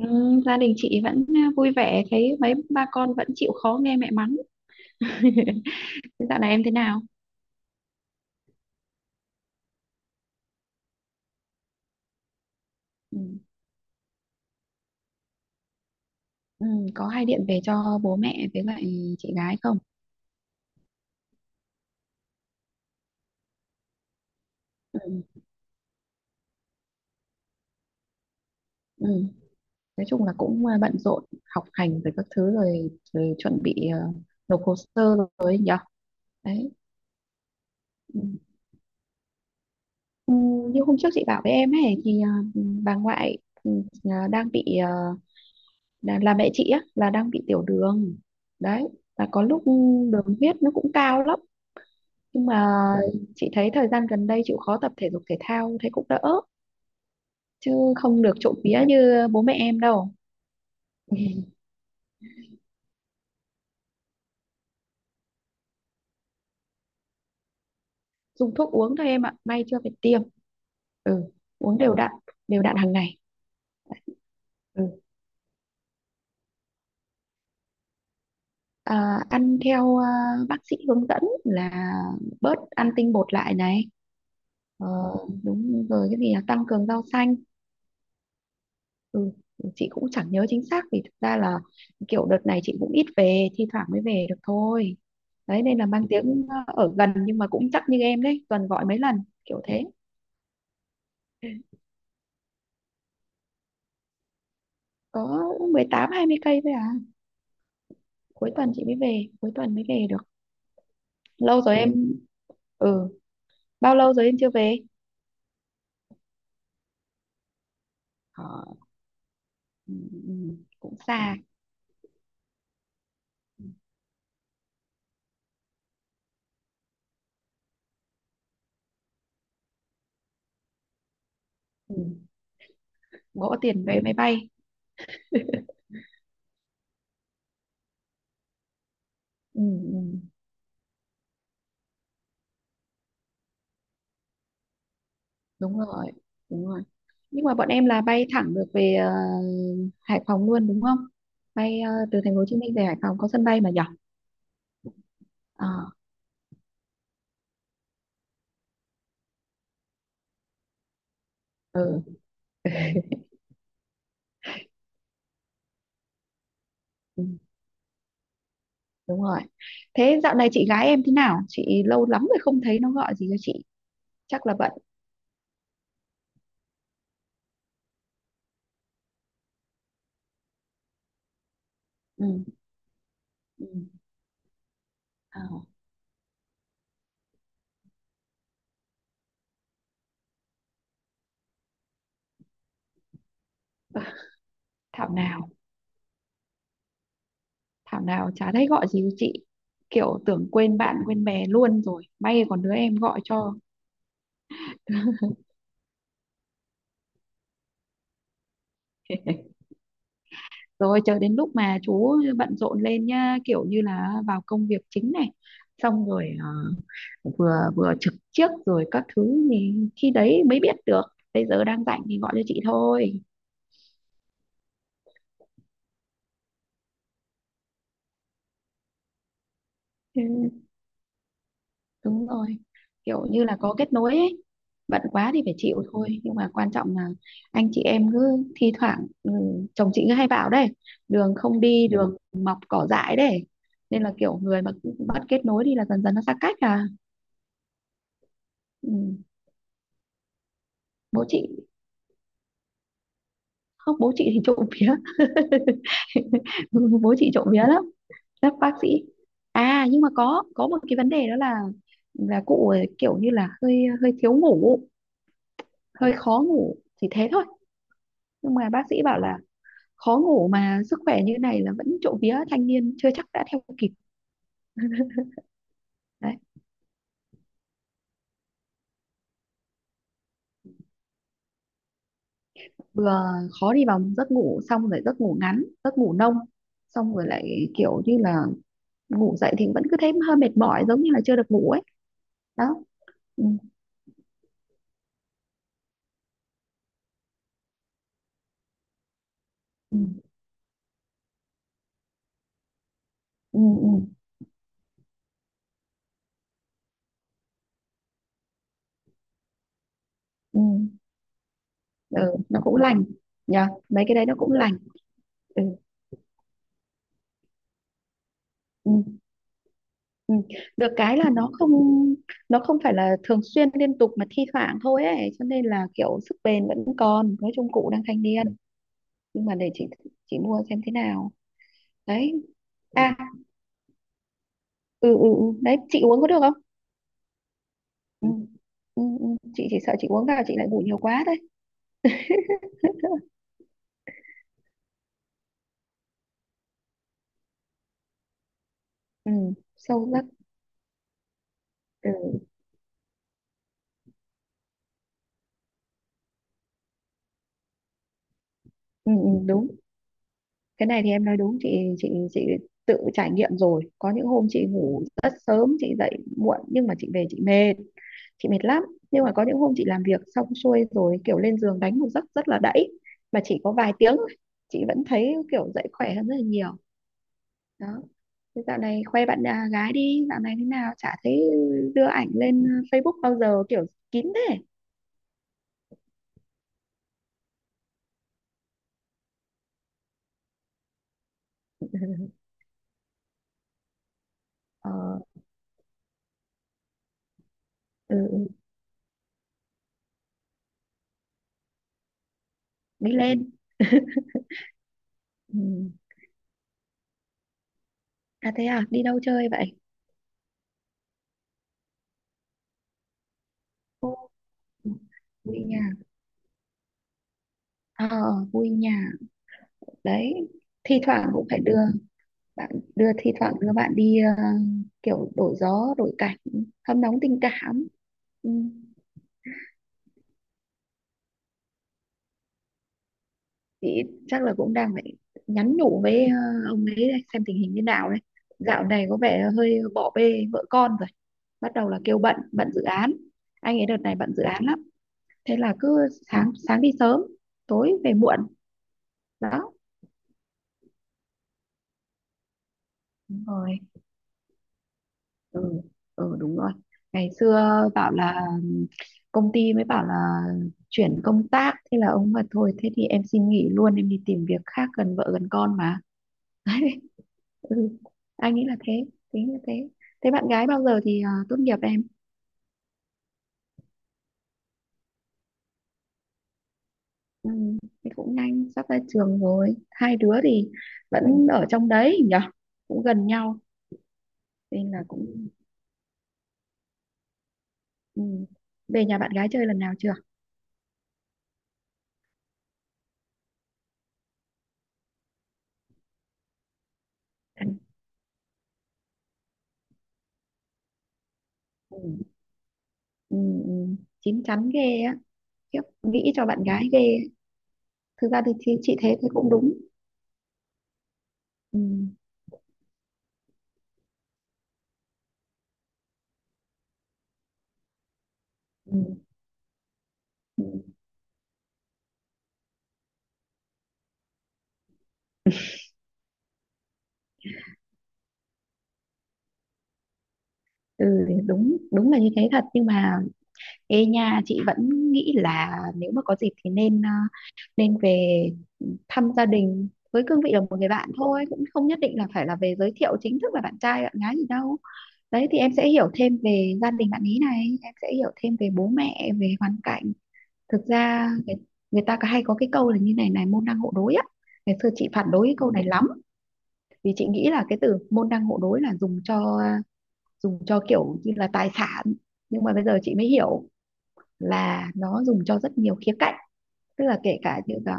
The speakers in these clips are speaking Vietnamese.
Ừ, gia đình chị vẫn vui vẻ, thấy mấy ba con vẫn chịu khó nghe mẹ mắng. Thế dạo này em thế nào? Ừ. Ừ, có hay điện về cho bố mẹ với lại chị gái không? Ừ. Ừ. Nói chung là cũng bận rộn học hành rồi các thứ rồi, rồi chuẩn bị nộp hồ sơ rồi ấy nhở. Đấy. Ừ. Ừ, như hôm trước chị bảo với em ấy thì bà ngoại, ừ, đang bị, là mẹ chị á là đang bị tiểu đường. Đấy, và có lúc đường huyết nó cũng cao lắm, nhưng mà chị thấy thời gian gần đây chịu khó tập thể dục thể thao thấy cũng đỡ, chứ không được trộm vía như bố mẹ em đâu. Dùng thuốc uống thôi em ạ, may chưa phải tiêm. Ừ, uống đều đặn, đều đặn hàng ngày. Ừ. À, ăn theo bác sĩ hướng dẫn là bớt ăn tinh bột lại này, ờ, đúng rồi, cái gì là tăng cường rau xanh. Ừ, chị cũng chẳng nhớ chính xác vì thực ra là kiểu đợt này chị cũng ít về, thi thoảng mới về được thôi. Đấy, nên là mang tiếng ở gần nhưng mà cũng chắc như em đấy, tuần gọi mấy lần kiểu thế. Có 18-20 cây thôi à. Cuối tuần chị mới về, cuối tuần mới về được. Lâu rồi em, ừ, bao lâu rồi em chưa về. Ờ, ừ, ừ, ừ, cũng xa. Ừ, gõ tiền vé máy bay. Ừ, ừ. Đúng rồi, đúng rồi. Nhưng mà bọn em là bay thẳng được về Hải Phòng luôn đúng không, bay từ thành phố Hồ Chí Minh về Hải Phòng có sân bay mà nhỉ? Ờ, ừ, ừ, đúng rồi. Thế dạo này chị gái em thế nào? Chị lâu lắm rồi không thấy nó gọi gì cho chị. Chắc là bận. Ừ. Ừ. Ờ, Thảo nào, Thảo nào chả thấy gọi gì cho chị. Kiểu tưởng quên bạn quên bè luôn rồi. May còn đứa em gọi cho. Rồi chờ đến lúc mà chú bận rộn lên nhá, kiểu như là vào công việc chính này, xong rồi vừa vừa trực trước rồi các thứ thì khi đấy mới biết được bây giờ đang rảnh thì gọi cho chị thôi. Ừ, đúng rồi, kiểu như là có kết nối ấy, bận quá thì phải chịu thôi, nhưng mà quan trọng là anh chị em cứ thi thoảng, ừ, chồng chị cứ hay bảo đấy, đường không đi đường mọc cỏ dại đấy, nên là kiểu người mà cứ bắt kết nối thì là dần dần nó xa cách à. Ừ. Bố chị. Không, bố chị thì trộm vía. Bố chị trộm vía lắm, các bác sĩ. À nhưng mà có một cái vấn đề đó là cụ ấy kiểu như là hơi hơi thiếu ngủ, hơi khó ngủ, chỉ thế thôi. Nhưng mà bác sĩ bảo là khó ngủ mà sức khỏe như này là vẫn trộm vía, thanh niên chưa chắc đã theo kịp. Đấy, vừa khó đi vào giấc ngủ, xong rồi giấc ngủ ngắn, giấc ngủ nông, xong rồi lại kiểu như là ngủ dậy thì vẫn cứ thấy hơi mệt mỏi giống như là chưa được ngủ ấy. Đó. Ừ, ừ, ừ, ừ. Ừ, ừ, nó cũng lành, nhờ mấy cái đấy nó cũng lành. Ừ, ừ, ừ. Được cái là nó không, nó không phải là thường xuyên liên tục mà thi thoảng thôi ấy, cho nên là kiểu sức bền vẫn còn, nói chung cụ đang thanh niên. Nhưng mà để chị mua xem thế nào. Đấy. À, ừ, ừ, ừ. Đấy chị uống có được không. Ừ. Ừ, ừ. Chị chỉ sợ chị uống vào chị lại ngủ nhiều quá thôi. Ừ, sâu giấc. Ừ, ừ, ừ, đúng. Cái này thì em nói đúng, chị tự trải nghiệm rồi, có những hôm chị ngủ rất sớm chị dậy muộn nhưng mà chị về chị mệt, chị mệt lắm. Nhưng mà có những hôm chị làm việc xong xuôi rồi, kiểu lên giường đánh một giấc rất là đẫy mà chỉ có vài tiếng thôi, chị vẫn thấy kiểu dậy khỏe hơn rất là nhiều. Đó. Thế dạo này khoe bạn gái đi, dạo này thế nào chả thấy đưa ảnh lên Facebook bao giờ, kiểu kín thế. Ờ, ừ, đi lên. Ừ. À thế à, đi đâu chơi vậy? Ồ, vui nhà. Ờ, vui nhà. Đấy, thi thoảng cũng phải đưa bạn, đưa thi thoảng đưa bạn đi kiểu đổi gió đổi cảnh, hâm nóng tình cảm. Ừ. Chị chắc là cũng đang phải nhắn nhủ với ông ấy đây, xem tình hình như nào đấy, dạo này có vẻ hơi bỏ bê vợ con rồi, bắt đầu là kêu bận, bận dự án. Anh ấy đợt này bận dự án lắm, thế là cứ sáng sáng đi sớm, tối về muộn. Đó. Đúng rồi. Ừ, ừ đúng rồi. Ngày xưa bảo là công ty mới bảo là chuyển công tác, thế là ông mà thôi thế thì em xin nghỉ luôn, em đi tìm việc khác gần vợ gần con mà. Ừ, anh nghĩ là thế, tính là thế. Thế bạn gái bao giờ thì tốt nghiệp em? Ừ, thì cũng nhanh sắp ra trường rồi, hai đứa thì vẫn ở trong đấy nhỉ, cũng gần nhau nên là cũng. Ừ. Về nhà bạn gái chơi lần nào chưa? Ừ, ừ, ừ. Chín chắn ghê á, khiếp, nghĩ cho bạn gái ghê ấy. Thực ra thì chị thế, thế cũng đúng. Ừ, ừ, ừ, Ừ, đúng, đúng là như thế thật, nhưng mà ê nha, chị vẫn nghĩ là nếu mà có dịp thì nên nên về thăm gia đình với cương vị là một người bạn thôi, cũng không nhất định là phải là về giới thiệu chính thức là bạn trai bạn gái gì đâu. Đấy thì em sẽ hiểu thêm về gia đình bạn ý này, em sẽ hiểu thêm về bố mẹ về hoàn cảnh. thực ra người, Người ta có hay có cái câu là như này này, môn đăng hộ đối á. Ngày xưa chị phản đối cái câu này lắm, vì chị nghĩ là cái từ môn đăng hộ đối là dùng cho kiểu như là tài sản, nhưng mà bây giờ chị mới hiểu là nó dùng cho rất nhiều khía cạnh, tức là kể cả như là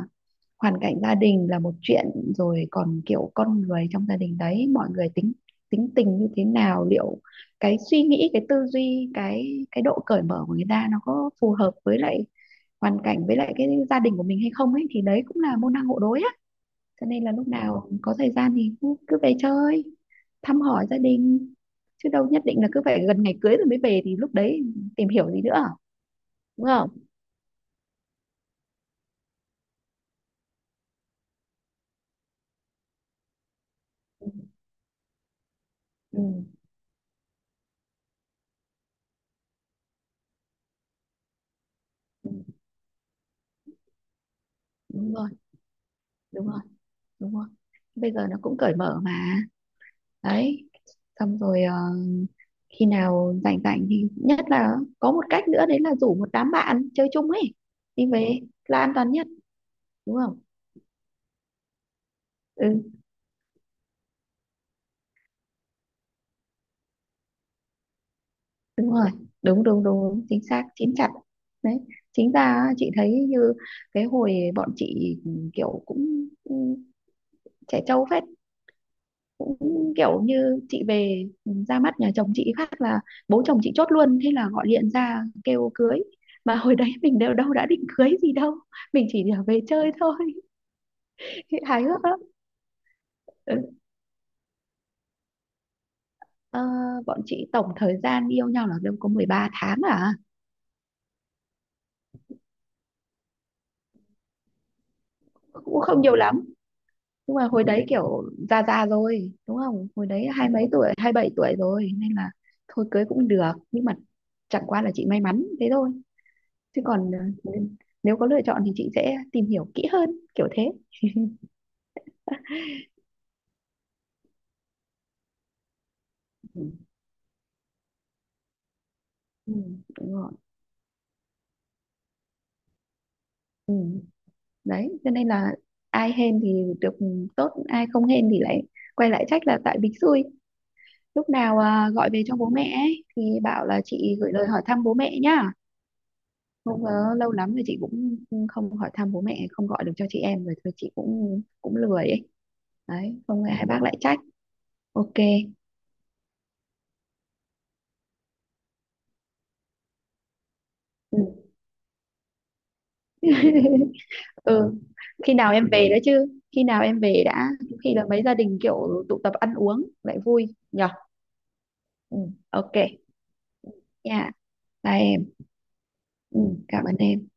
hoàn cảnh gia đình là một chuyện, rồi còn kiểu con người trong gia đình đấy, mọi người tính, tính tình như thế nào, liệu cái suy nghĩ, cái tư duy, cái độ cởi mở của người ta nó có phù hợp với lại hoàn cảnh với lại cái gia đình của mình hay không ấy, thì đấy cũng là môn đăng hộ đối á. Cho nên là lúc nào có thời gian thì cứ về chơi thăm hỏi gia đình, chứ đâu nhất định là cứ phải gần ngày cưới rồi mới về, thì lúc đấy tìm hiểu gì nữa, đúng không. Ừ, đúng rồi, đúng rồi, đúng rồi. Bây giờ nó cũng cởi mở mà. Đấy, xong rồi khi nào rảnh rảnh thì nhất là có một cách nữa đấy, là rủ một đám bạn chơi chung ấy, đi về là an toàn nhất, đúng không. Ừ, đúng rồi, đúng đúng đúng đúng. Chính xác, chín chặt. Đấy. Chính ra á, chị thấy như cái hồi bọn chị, ừ, kiểu cũng cũng trẻ trâu phết, cũng kiểu như chị về, ừ, ra mắt nhà chồng chị phát là bố chồng chị chốt luôn, thế là gọi điện ra kêu cưới, mà hồi đấy mình đều đâu đã định cưới gì đâu, mình chỉ là về chơi thôi. Hài hước lắm. Ừ. Ờ, bọn chị tổng thời gian yêu nhau là đâu có 13 tháng à. Cũng không nhiều lắm, nhưng mà hồi đấy kiểu già già rồi đúng không, hồi đấy hai mấy tuổi, 27 tuổi rồi nên là thôi cưới cũng được. Nhưng mà chẳng qua là chị may mắn thế thôi, chứ còn ờ, nếu có lựa chọn thì chị sẽ tìm hiểu kỹ hơn kiểu thế. Ừ. Ừ, đúng rồi. Ừ. Đấy cho nên là ai hên thì được tốt, ai không hên thì lại quay lại trách là tại bình xui. Lúc nào gọi về cho bố mẹ ấy, thì bảo là chị gửi lời hỏi thăm bố mẹ nhá. Không, có lâu lắm rồi chị cũng không hỏi thăm bố mẹ, không gọi được cho chị em rồi, thôi chị cũng cũng lười ấy. Đấy, không ngờ hai bác lại trách. Ok. Ừ. Ừ. Khi nào em về đó chứ? Khi nào em về đã? Khi là mấy gia đình kiểu tụ tập ăn uống lại vui nhở? Ừ. Ok. Nha. Bye em. Ừ, cảm ơn em.